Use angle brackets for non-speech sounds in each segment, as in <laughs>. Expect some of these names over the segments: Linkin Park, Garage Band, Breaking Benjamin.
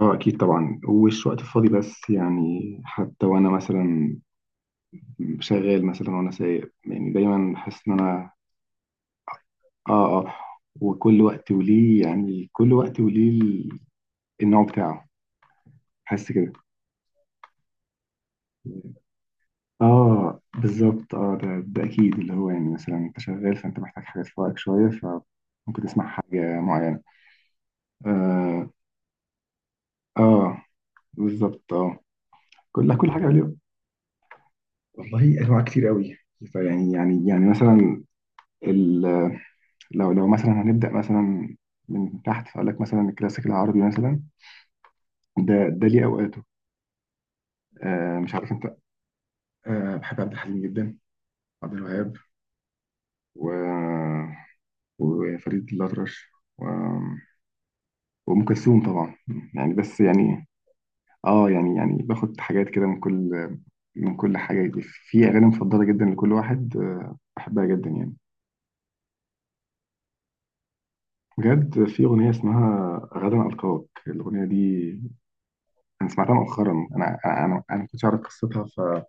اه، اكيد طبعا. وش وقت فاضي؟ بس يعني حتى وانا مثلا شغال، مثلا وانا سايق، يعني دايما بحس ان انا. اه. اه. وكل وقت وليه، يعني كل وقت وليه ال- النوع بتاعه. بحس كده. اه بالظبط. اه ده اكيد اللي هو يعني مثلا انت شغال فانت محتاج حاجه تفوقك شويه فممكن تسمع حاجه معينه. اه. اه بالظبط. اه كل حاجه ليه. والله انواع كتير قوي. فيعني يعني يعني مثلا، لو مثلا هنبدأ مثلا من تحت فأقول لك مثلا الكلاسيك العربي مثلا. ده ليه أوقاته. مش عارف أنت. بحب عبد الحليم جدا، عبد الوهاب، و... وفريد الأطرش، و... وأم كلثوم طبعا. يعني بس يعني. اه يعني يعني باخد حاجات كده من كل، من كل حاجة دي. في أغاني مفضلة جدا لكل واحد، بحبها جدا يعني. بجد في أغنية اسمها غدا ألقاك. الأغنية دي أنا سمعتها مؤخرا. أنا ما كنتش أعرف قصتها.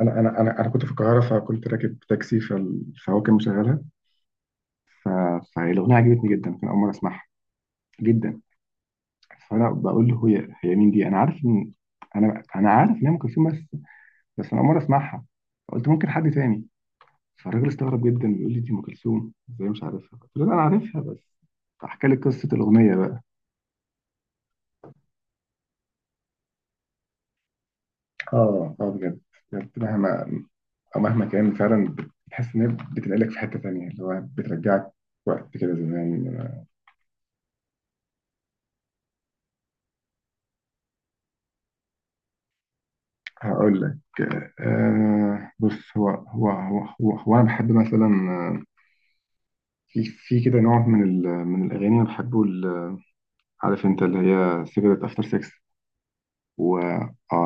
انا كنت في القاهره، فكنت راكب تاكسي فهو كان مشغلها. ف- فالاغنيه عجبتني جدا. كان اول مره اسمعها. جدا. فانا بقول له هي مين دي؟ انا عارف ان انا عارف ان هي ام كلثوم، بس انا اول مره اسمعها. فقلت ممكن حد تاني. فالراجل استغرب جدا بيقول لي دي ام كلثوم ازاي مش عارفها. قلت له لا انا عارفها بس احكي لي قصه الاغنيه بقى. اه. اه بجد. بجد مهما، أو مهما كان فعلا بتحس ان هي بتنقلك في حته تانيه، اللي هو بترجعك وقت كده زمان. هقول لك. بص، هو انا بحب مثلا. آه، في كده نوع من ال الاغاني انا بحبه. عارف انت اللي هي سيجرت افتر سكس. و آه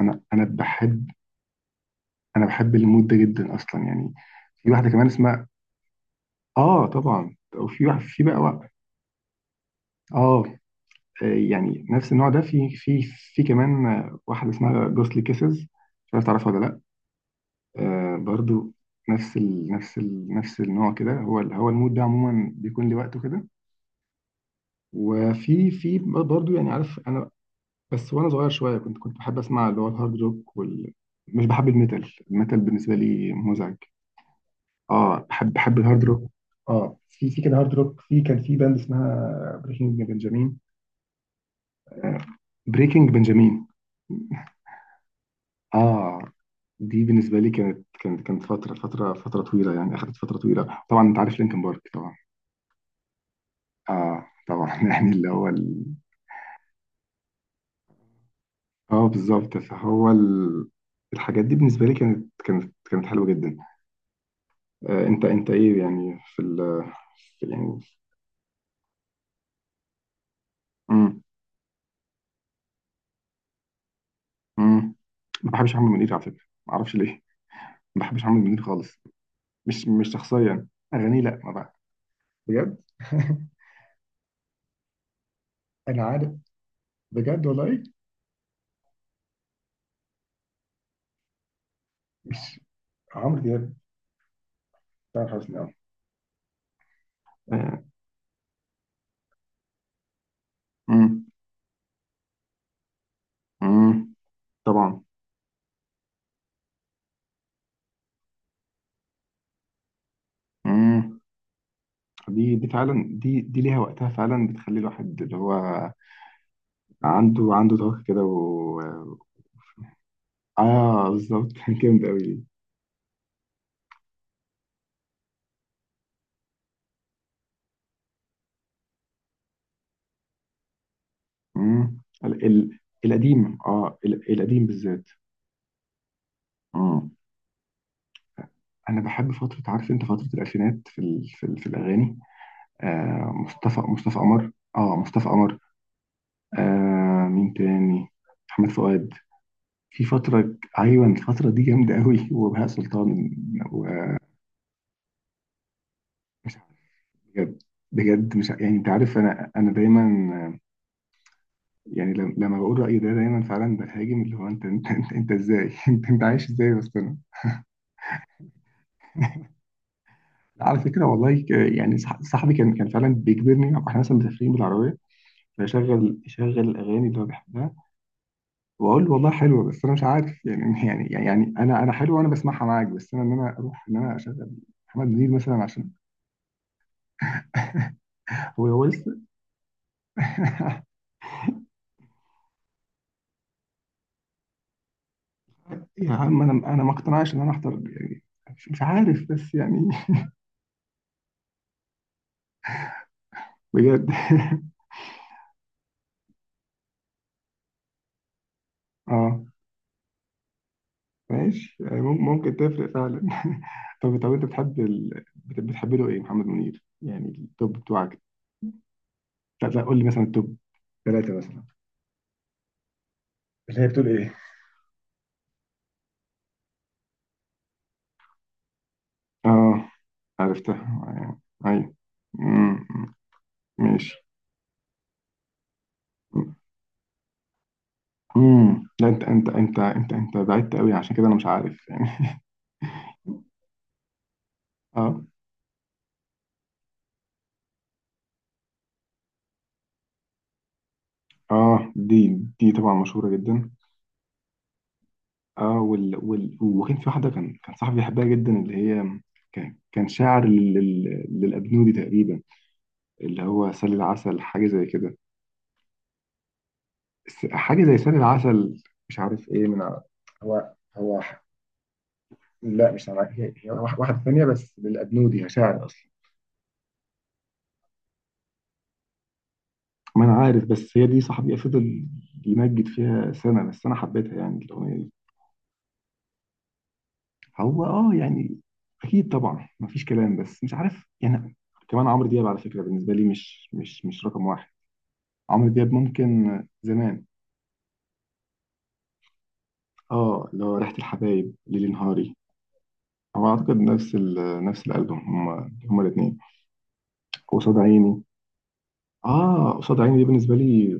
انا بحب، انا بحب المود ده جدا اصلا يعني. في واحده كمان اسمها. اه طبعا. وفي واحد في بقى وقت. اه. يعني نفس النوع ده في في كمان، واحده اسمها جوستلي كيسز. مش عارف تعرفها ولا لا. آه برضو. نفس ال نفس ال نفس النوع كده. هو هو المود ده عموما بيكون لوقته كده. وفي برضو، يعني عارف انا، بس وانا صغير شويه كنت بحب اسمع اللي هو الهارد روك وال... مش بحب الميتال، الميتال بالنسبه لي مزعج. اه بحب الهارد روك. اه في كده هارد روك، في كان في باند اسمها بريكنج بنجامين. آه، بريكنج بنجامين. اه دي بالنسبه لي كانت فتره فتره فتره طويله يعني. اخذت فتره طويله. طبعا انت عارف لينكن بارك طبعا. اه طبعا <laughs> يعني اللي هو ال... اه بالظبط. فهو ال... الحاجات دي بالنسبة لي كانت حلوة جدا. انت ايه يعني في ال، في يعني. امم. امم. ما بحبش عمرو منير على فكرة. ما اعرفش ليه. ما بحبش عمرو منير خالص. مش شخصيا، اغانيه. لا ما بقى. بجد <laughs> انا عارف. بجد والله. مش. عمرو دياب. تامر حسني اه. آه. امم. امم. طبعا. امم. دي فعلا، دي ليها وقتها فعلا. بتخلي الواحد اللي هو عنده طاقة كده و... اه بالظبط <laughs> كان جامد قوي دي. مم. ال... ال... القديم، اه، ال... القديم بالذات. مم. انا بحب فترة، عارف انت، فترة الالفينات في ال... في الاغاني. مصطفى قمر. اه مصطفى قمر. آه مين تاني؟ محمد فؤاد. في فترة ايوه الفترة دي جامدة قوي <laughs> وبهاء سلطان، ومش عارف. بجد. بجد مش ع- يعني انت عارف. انا دايما، يعني لما بقول رأيي ده دايما فعلا بهاجم اللي هو: انت، انت ازاي؟ <laughs> انت عايش ازاي اصلا؟ على فكرة والله يعني صاحبي كان فعلا بيجبرني، واحنا مثلا مسافرين بالعربية، فيشغل يشغل الاغاني اللي هو بيحبها. واقول له والله حلوه بس انا مش عارف يعني <laughs> انا حلوه وانا بسمعها معاك، بس انا، ان انا اروح ان انا اشغل محمد منير مثلا عشان هو لسه. يا عم انا ما اقتنعش ان انا احضر يعني. مش عارف، بس يعني. <laughs> بجد <laughs> اه ماشي. يعني ممكن تفرق فعلا <laughs> طب انت بتحب ال...، بتحب له ايه محمد منير، يعني التوب بتوعك؟ لا لا قول لي مثلا التوب ثلاثة مثلا. اللي هي بتقول ايه؟ اه عرفتها. ايوه. مم. ماشي. امم. لا، انت بعدت قوي عشان كده انا مش عارف يعني. اه. اه دي طبعا مشهورة جدا. اه وال... وكان في واحدة. كان صاحبي بيحبها جدا اللي هي، كان شاعر لل..., للأبنودي تقريبا. اللي هو سل العسل، حاجة زي كده. حاجة زي سل العسل. مش عارف ايه هو هو. لا مش عارف. هي واحدة ثانية. بس للأبنودي شاعر أصلا. ما أنا عارف، بس هي دي صاحبي فضل يمجد فيها سنة. بس أنا حبيتها يعني الأغنية دي. هو اه يعني أكيد طبعا مفيش كلام، بس مش عارف يعني. كمان عمرو دياب على فكرة بالنسبة لي مش رقم واحد. عمرو دياب ممكن زمان. اه اللي هو ريحة الحبايب، ليلي نهاري. هو اعتقد نفس الالبوم. هما الاثنين قصاد عيني. اه قصاد عيني دي بالنسبه لي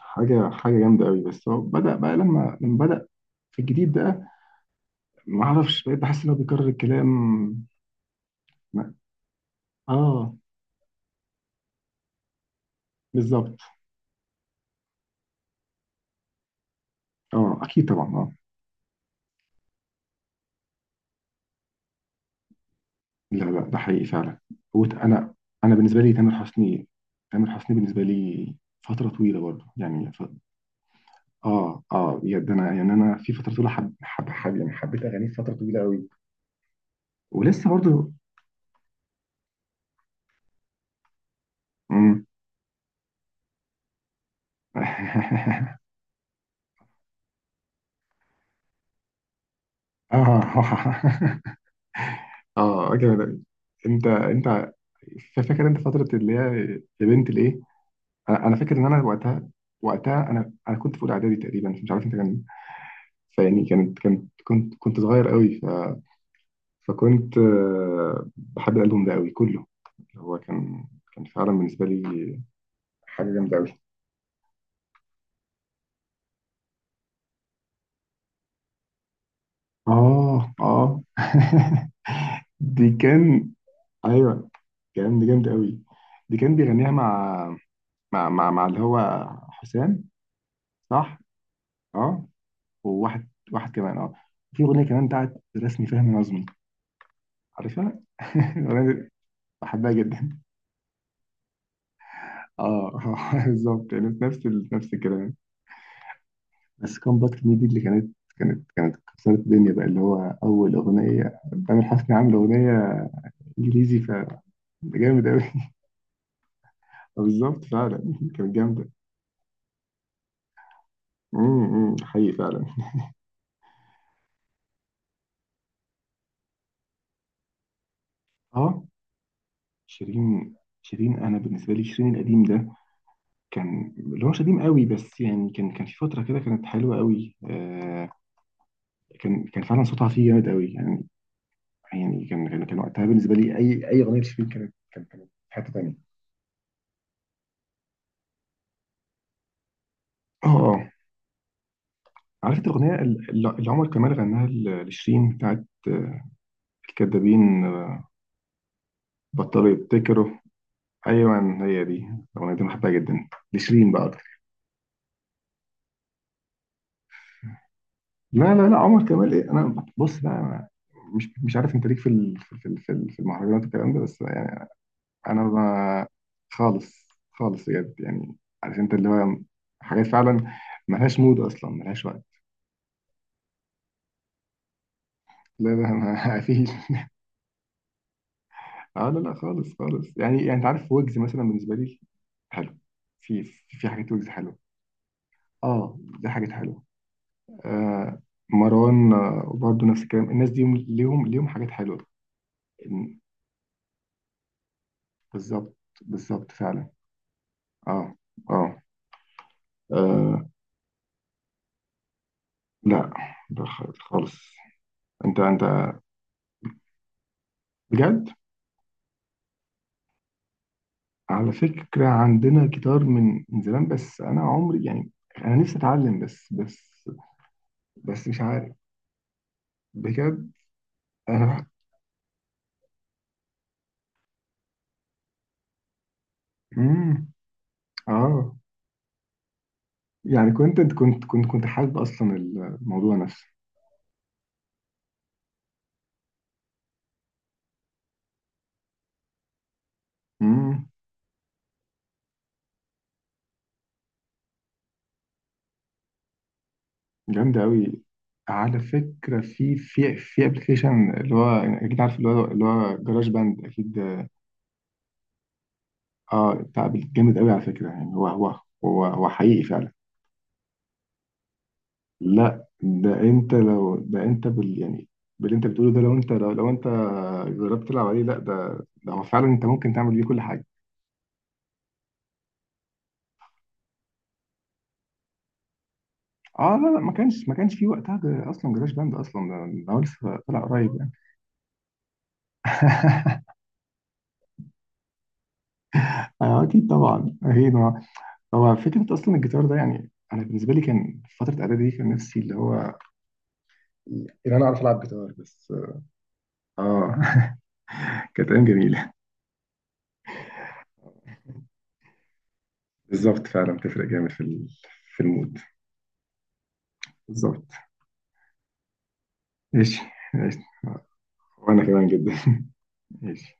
حاجه جامده قوي. بس هو بدا بقى، لما بدا في الجديد بقى، ما اعرفش، بقيت بحس ان هو بيكرر الكلام. ما- اه بالظبط. اه اكيد طبعا اه. لا لا ده حقيقي فعلا. هو انا، انا بالنسبه لي تامر حسني، تامر حسني بالنسبه لي فتره طويله برضه يعني. اه. اه بجد. انا يعني انا في فتره طويله، حب يعني، حبيت اغانيه فتره طويله قوي ولسه برضه. <laughs> اه <laughs> اه جامد أوي. انت فاكر انت فتره اللي هي يا بنت الايه؟ أنا فاكر ان انا وقتها، وقتها انا كنت في اولى اعدادي تقريبا، مش عارف انت كان، فيعني كانت كنت صغير قوي. ف، فكنت بحب الالبوم ده قوي كله. هو كان، كان فعلا بالنسبه لي حاجه جامده قوي. اه. اه <laughs> دي كان. ايوه، كان دي جامده قوي. دي كان بيغنيها مع، مع اللي هو حسام. صح. اه. وواحد واحد كمان اه. في اغنيه كمان بتاعت رسمي فهمي نظمي. عارفها <laughs> الأغنية دي بحبها جدا. اه <laughs> بالظبط يعني نفس ال..., نفس الكلام. بس كومباكت مي دي، اللي كانت كسرت الدنيا بقى اللي هو اول اغنيه تامر حسني عامل اغنيه انجليزي. فده جامد قوي <laughs> بالظبط فعلا. كانت جامده. امم. أمم، حقيقي فعلا. اه. شيرين. شيرين انا بالنسبه لي شيرين القديم ده كان اللي هو مش قديم قوي، بس يعني كان في فترة كده كانت حلوة قوي آه. كان فعلا صوتها فيه جامد قوي يعني. يعني كان وقتها بالنسبة لي، أي أغنية لشيرين كانت في حتة تانية. اه. اه. عارف انت الأغنية اللي عمر كمال غناها لشيرين، بتاعت الكدابين. بطلوا يبتكروا. أيوة هي دي الأغنية دي. أنا بحبها جدا لشيرين بقى أكتر. لا لا لا، عمر كمال إيه، أنا بص بقى، أنا مش عارف أنت ليك في في المهرجانات والكلام ده، بس يعني انا ما. خالص خالص بجد يعني. عارف انت اللي هو حاجات فعلا ملهاش مود اصلا، ملهاش وقت. لا لا ما <laughs> فيش. اه لا لا خالص خالص، يعني انت عارف ويجز مثلا بالنسبه لي حلو. في في حاجات ويجز حلوه. اه دي حاجات حلوه. آه. مروان برضه نفس الكلام. الناس دي ليهم حاجات حلوه. إن- بالظبط بالظبط فعلا. اه. اه. آه، لا لا خالص. انت بجد. على فكرة عندنا جيتار من زمان، بس أنا عمري يعني. أنا نفسي أتعلم، بس بس مش عارف. بجد. أنا. مم. آه. يعني كنت حابب أصلا الموضوع نفسه. مم. جامد أوي. على فكرة في في أبلكيشن اللي هو أكيد عارف، اللي هو جراج باند أكيد. آه بتاع، جامد أوي على فكرة. يعني هو، هو حقيقي فعلا. لا ده انت لو ده انت بال يعني، باللي انت بتقوله ده، لو انت، لو انت جربت تلعب عليه، لا ده، ده هو فعلا انت ممكن تعمل بيه كل حاجه. اه لا لا، ما كانش في وقتها، اصلا جراج باند اصلا ده، ده هو لسه طلع قريب يعني. <laughs> آه اكيد طبعا اكيد آه. هو فكره اصلا الجيتار ده يعني انا بالنسبه لي كان في فتره اعدادي دي، كان نفسي اللي هو ان انا اعرف العب جيتار بس. اه <laughs> كانت ايام جميله. بالظبط فعلا بتفرق جامد في في المود. بالظبط. ماشي. ماشي وانا كمان جدا. <laughs> ماشي.